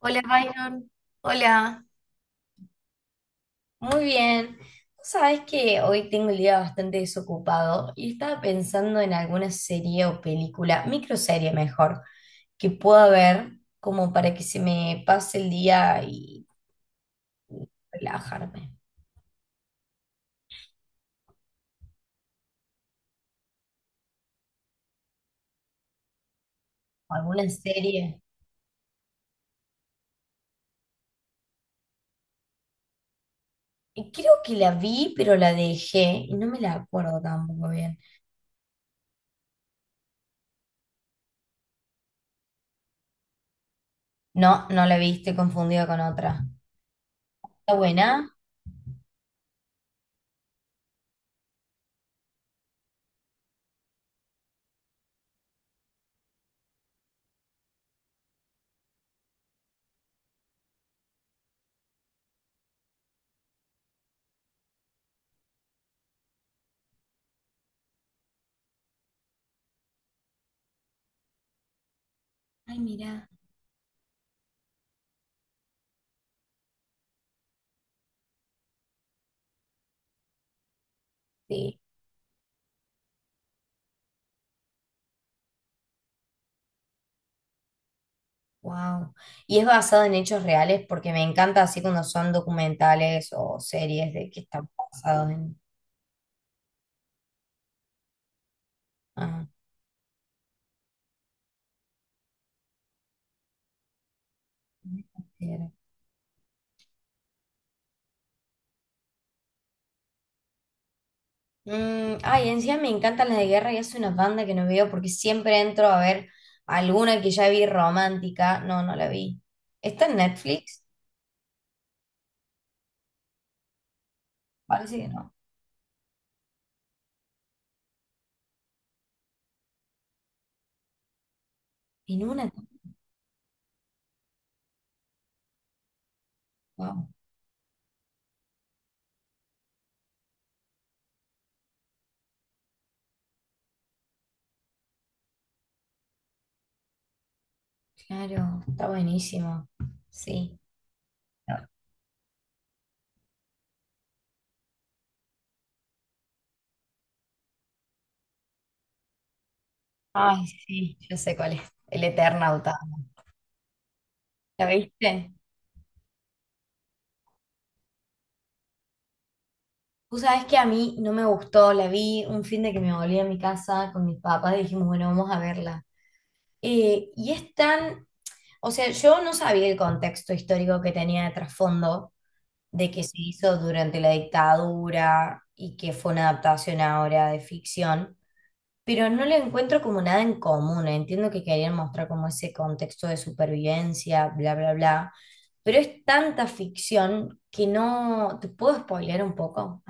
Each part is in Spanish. Hola, Byron. Hola. Muy bien. Vos sabés que hoy tengo el día bastante desocupado y estaba pensando en alguna serie o película, microserie mejor, que pueda ver como para que se me pase el día y relajarme. ¿O alguna serie? Creo que la vi, pero la dejé y no me la acuerdo tampoco bien. No, no la vi, estoy confundida con otra. ¿Está buena? Ay, mira. Wow. Y es basado en hechos reales porque me encanta así cuando son documentales o series de que están basados en. Ah, mira. Mm, ay, encima me encantan las de guerra y es una banda que no veo porque siempre entro a ver alguna que ya vi romántica. No, no la vi. ¿Está en Netflix? Parece que no. En una. Wow, claro, está buenísimo. Sí. Ay, sí, yo sé cuál es. El Eternauta. ¿La viste? Tú sabes que a mí no me gustó, la vi un fin de que me volví a mi casa con mis papás y dijimos, bueno, vamos a verla. Y es tan, o sea, yo no sabía el contexto histórico que tenía de trasfondo, de que se hizo durante la dictadura y que fue una adaptación ahora de ficción, pero no le encuentro como nada en común. Entiendo que querían mostrar como ese contexto de supervivencia, bla, bla, bla, pero es tanta ficción que no, ¿te puedo spoilear un poco?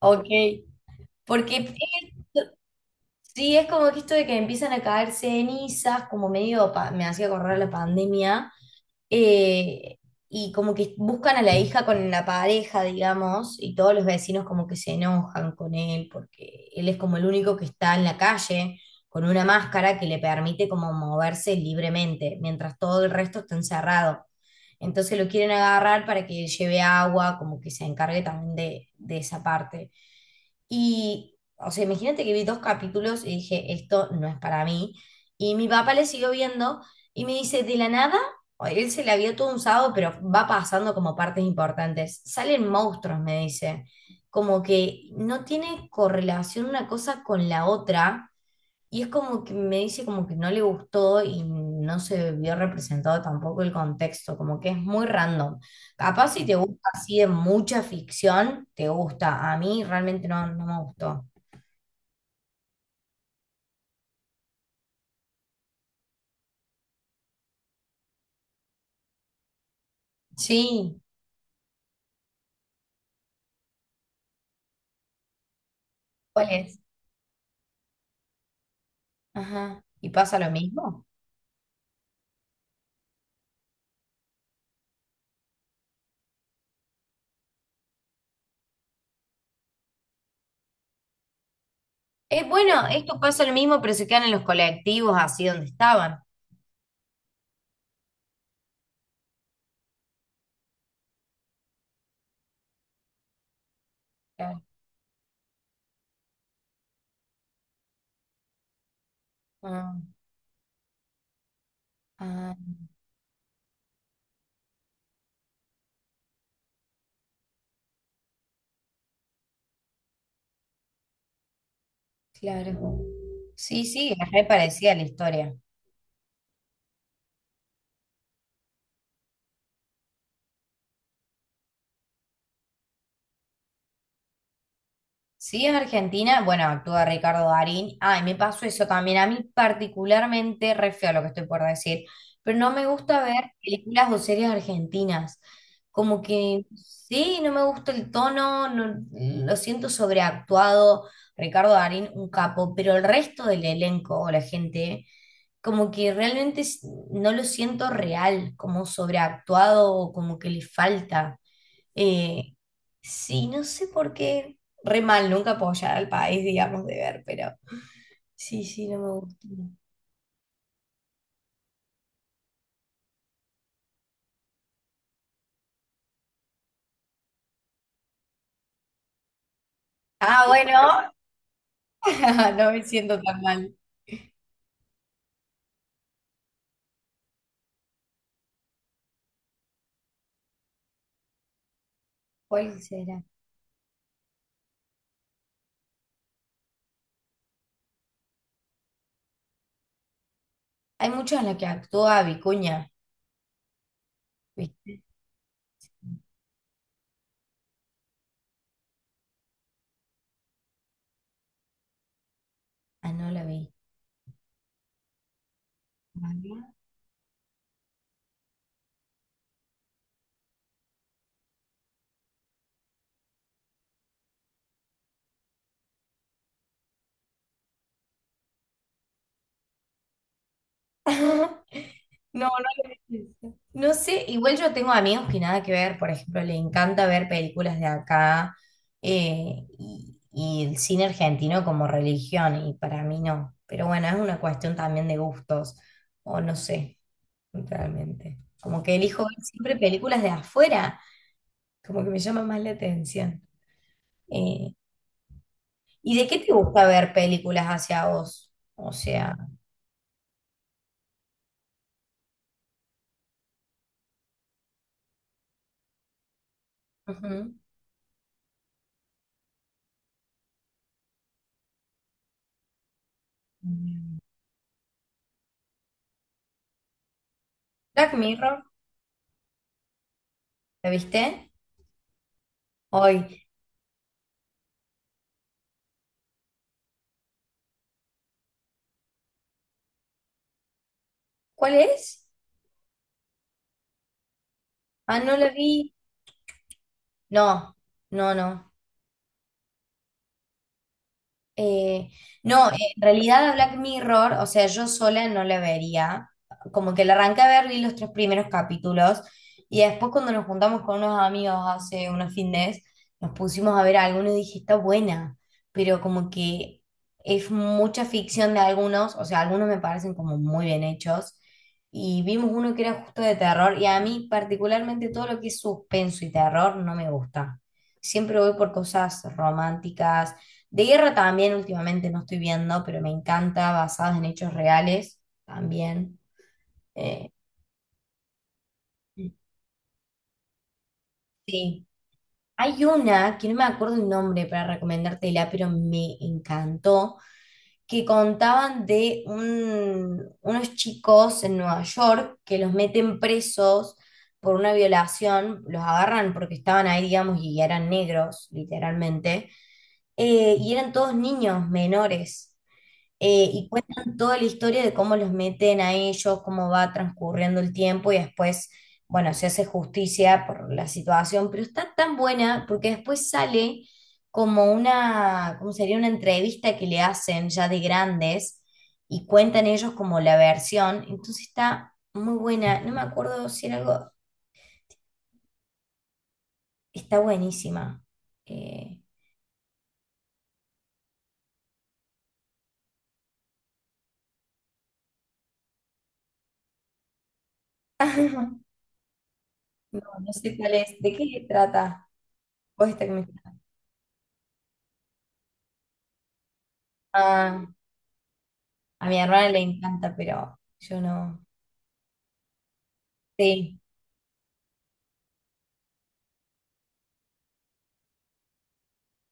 Ok. Porque Sí, es como que esto de que empiezan a caer cenizas, como medio me hacía correr la pandemia, eh, y como que buscan a la hija con la pareja, digamos, y todos los vecinos como que se enojan con él, porque él es como el único que está en la calle con una máscara que le permite como moverse libremente, mientras todo el resto está encerrado. Entonces lo quieren agarrar para que lleve agua, como que se encargue también de esa parte. Y, o sea, imagínate que vi dos capítulos y dije, esto no es para mí. Y mi papá le siguió viendo y me dice, de la nada, él se la vio todo un sábado, pero va pasando como partes importantes. Salen monstruos, me dice. Como que no tiene correlación una cosa con la otra. Y es como que me dice como que no le gustó y no se vio representado tampoco el contexto, como que es muy random. Capaz si te gusta así de mucha ficción, te gusta. A mí realmente no, no me gustó. Sí, ¿cuál es? Ajá. ¿Y pasa lo mismo? Es bueno, esto pasa lo mismo, pero se quedan en los colectivos así donde estaban. Claro. Ah, ah, claro. Sí, sí, es re parecida la historia. Sí, es Argentina. Bueno, actúa Ricardo Darín. Ay, me pasó eso también. A mí particularmente, re feo lo que estoy por decir, pero no me gusta ver películas o series argentinas. Como que sí, no me gusta el tono, lo siento sobreactuado. Ricardo Darín, un capo, pero el resto del elenco o la gente, como que realmente no lo siento real, como sobreactuado, o como que le falta. Eh, sí, no sé por qué. Re mal, nunca apoyar al país, digamos, de ver, pero sí, sí, no me gusta. Ah, bueno, no me siento tan mal. ¿Cuál será? Hay muchas en las que actúa Vicuña, ¿viste? Ah, no la vi. Ajá. No, no lo pienso. No sé, igual yo tengo amigos que nada que ver, por ejemplo, le encanta ver películas de acá y el cine argentino como religión, y para mí no. Pero bueno, es una cuestión también de gustos, o no sé, realmente. Como que elijo ver siempre películas de afuera, como que me llama más la atención. Eh, ¿Y de qué te gusta ver películas hacia vos? O sea, ujú. Black Mirror, ¿la viste? Hoy, ¿cuál es? Ah, no la vi. No, no, no. Eh, no, en realidad a Black Mirror, o sea, yo sola no la vería. Como que la arranqué a ver, vi los tres primeros capítulos y después cuando nos juntamos con unos amigos hace unos fines, nos pusimos a ver algunos y dije, está buena, pero como que es mucha ficción de algunos, o sea, algunos me parecen como muy bien hechos. Y vimos uno que era justo de terror y a mí particularmente todo lo que es suspenso y terror no me gusta. Siempre voy por cosas románticas de guerra también últimamente no estoy viendo, pero me encanta, basadas en hechos reales también. Eh, sí. Hay una que no me acuerdo el nombre para recomendártela, pero me encantó, que contaban de unos chicos en Nueva York que los meten presos por una violación, los agarran porque estaban ahí, digamos, y eran negros, literalmente, y eran todos niños menores. Y cuentan toda la historia de cómo los meten a ellos, cómo va transcurriendo el tiempo y después bueno, se hace justicia por la situación, pero está tan buena porque después sale como una, ¿cómo sería? Una entrevista que le hacen ya de grandes y cuentan ellos como la versión. Entonces está muy buena. No me acuerdo si era algo, está buenísima. Eh, no, no sé cuál es. ¿De qué trata? Vos esta que me estás- Ah, a mi hermana le encanta, pero yo no. Sí.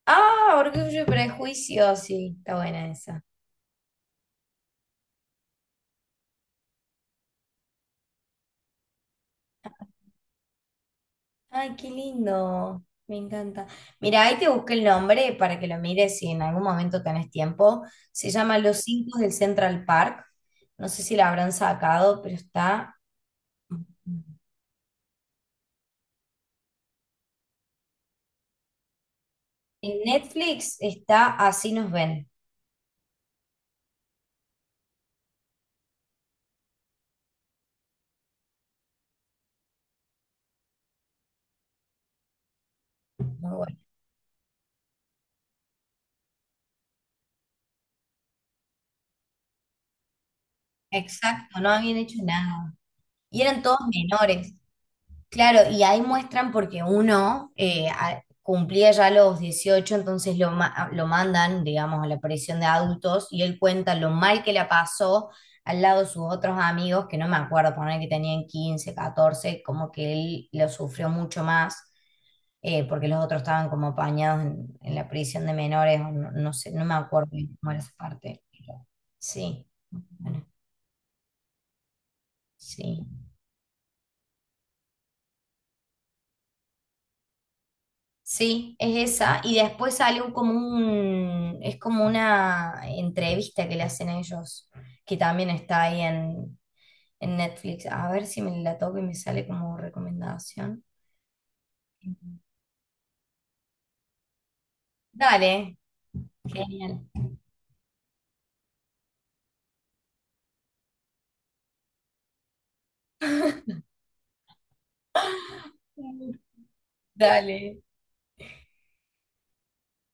Ah, Orgullo y Prejuicio, sí, está buena esa. Ay, qué lindo. Me encanta. Mira, ahí te busqué el nombre para que lo mires si en algún momento tenés tiempo. Se llama Los Cinco del Central Park. No sé si la habrán sacado, pero está... En Netflix está Así Nos Ven. Muy bueno. Exacto, no habían hecho nada. Y eran todos menores. Claro, y ahí muestran porque uno cumplía ya los 18, entonces lo mandan, digamos, a la prisión de adultos y él cuenta lo mal que la pasó al lado de sus otros amigos, que no me acuerdo, poner que tenían 15, 14, como que él lo sufrió mucho más, porque los otros estaban como apañados en la prisión de menores, o no, no sé, no me acuerdo bien cómo era esa parte. Pero sí, bueno, sí. Sí, es esa. Y después sale un, como un, es como una entrevista que le hacen a ellos, que también está ahí en Netflix. A ver si me la toco y me sale como recomendación. Dale, genial. Dale.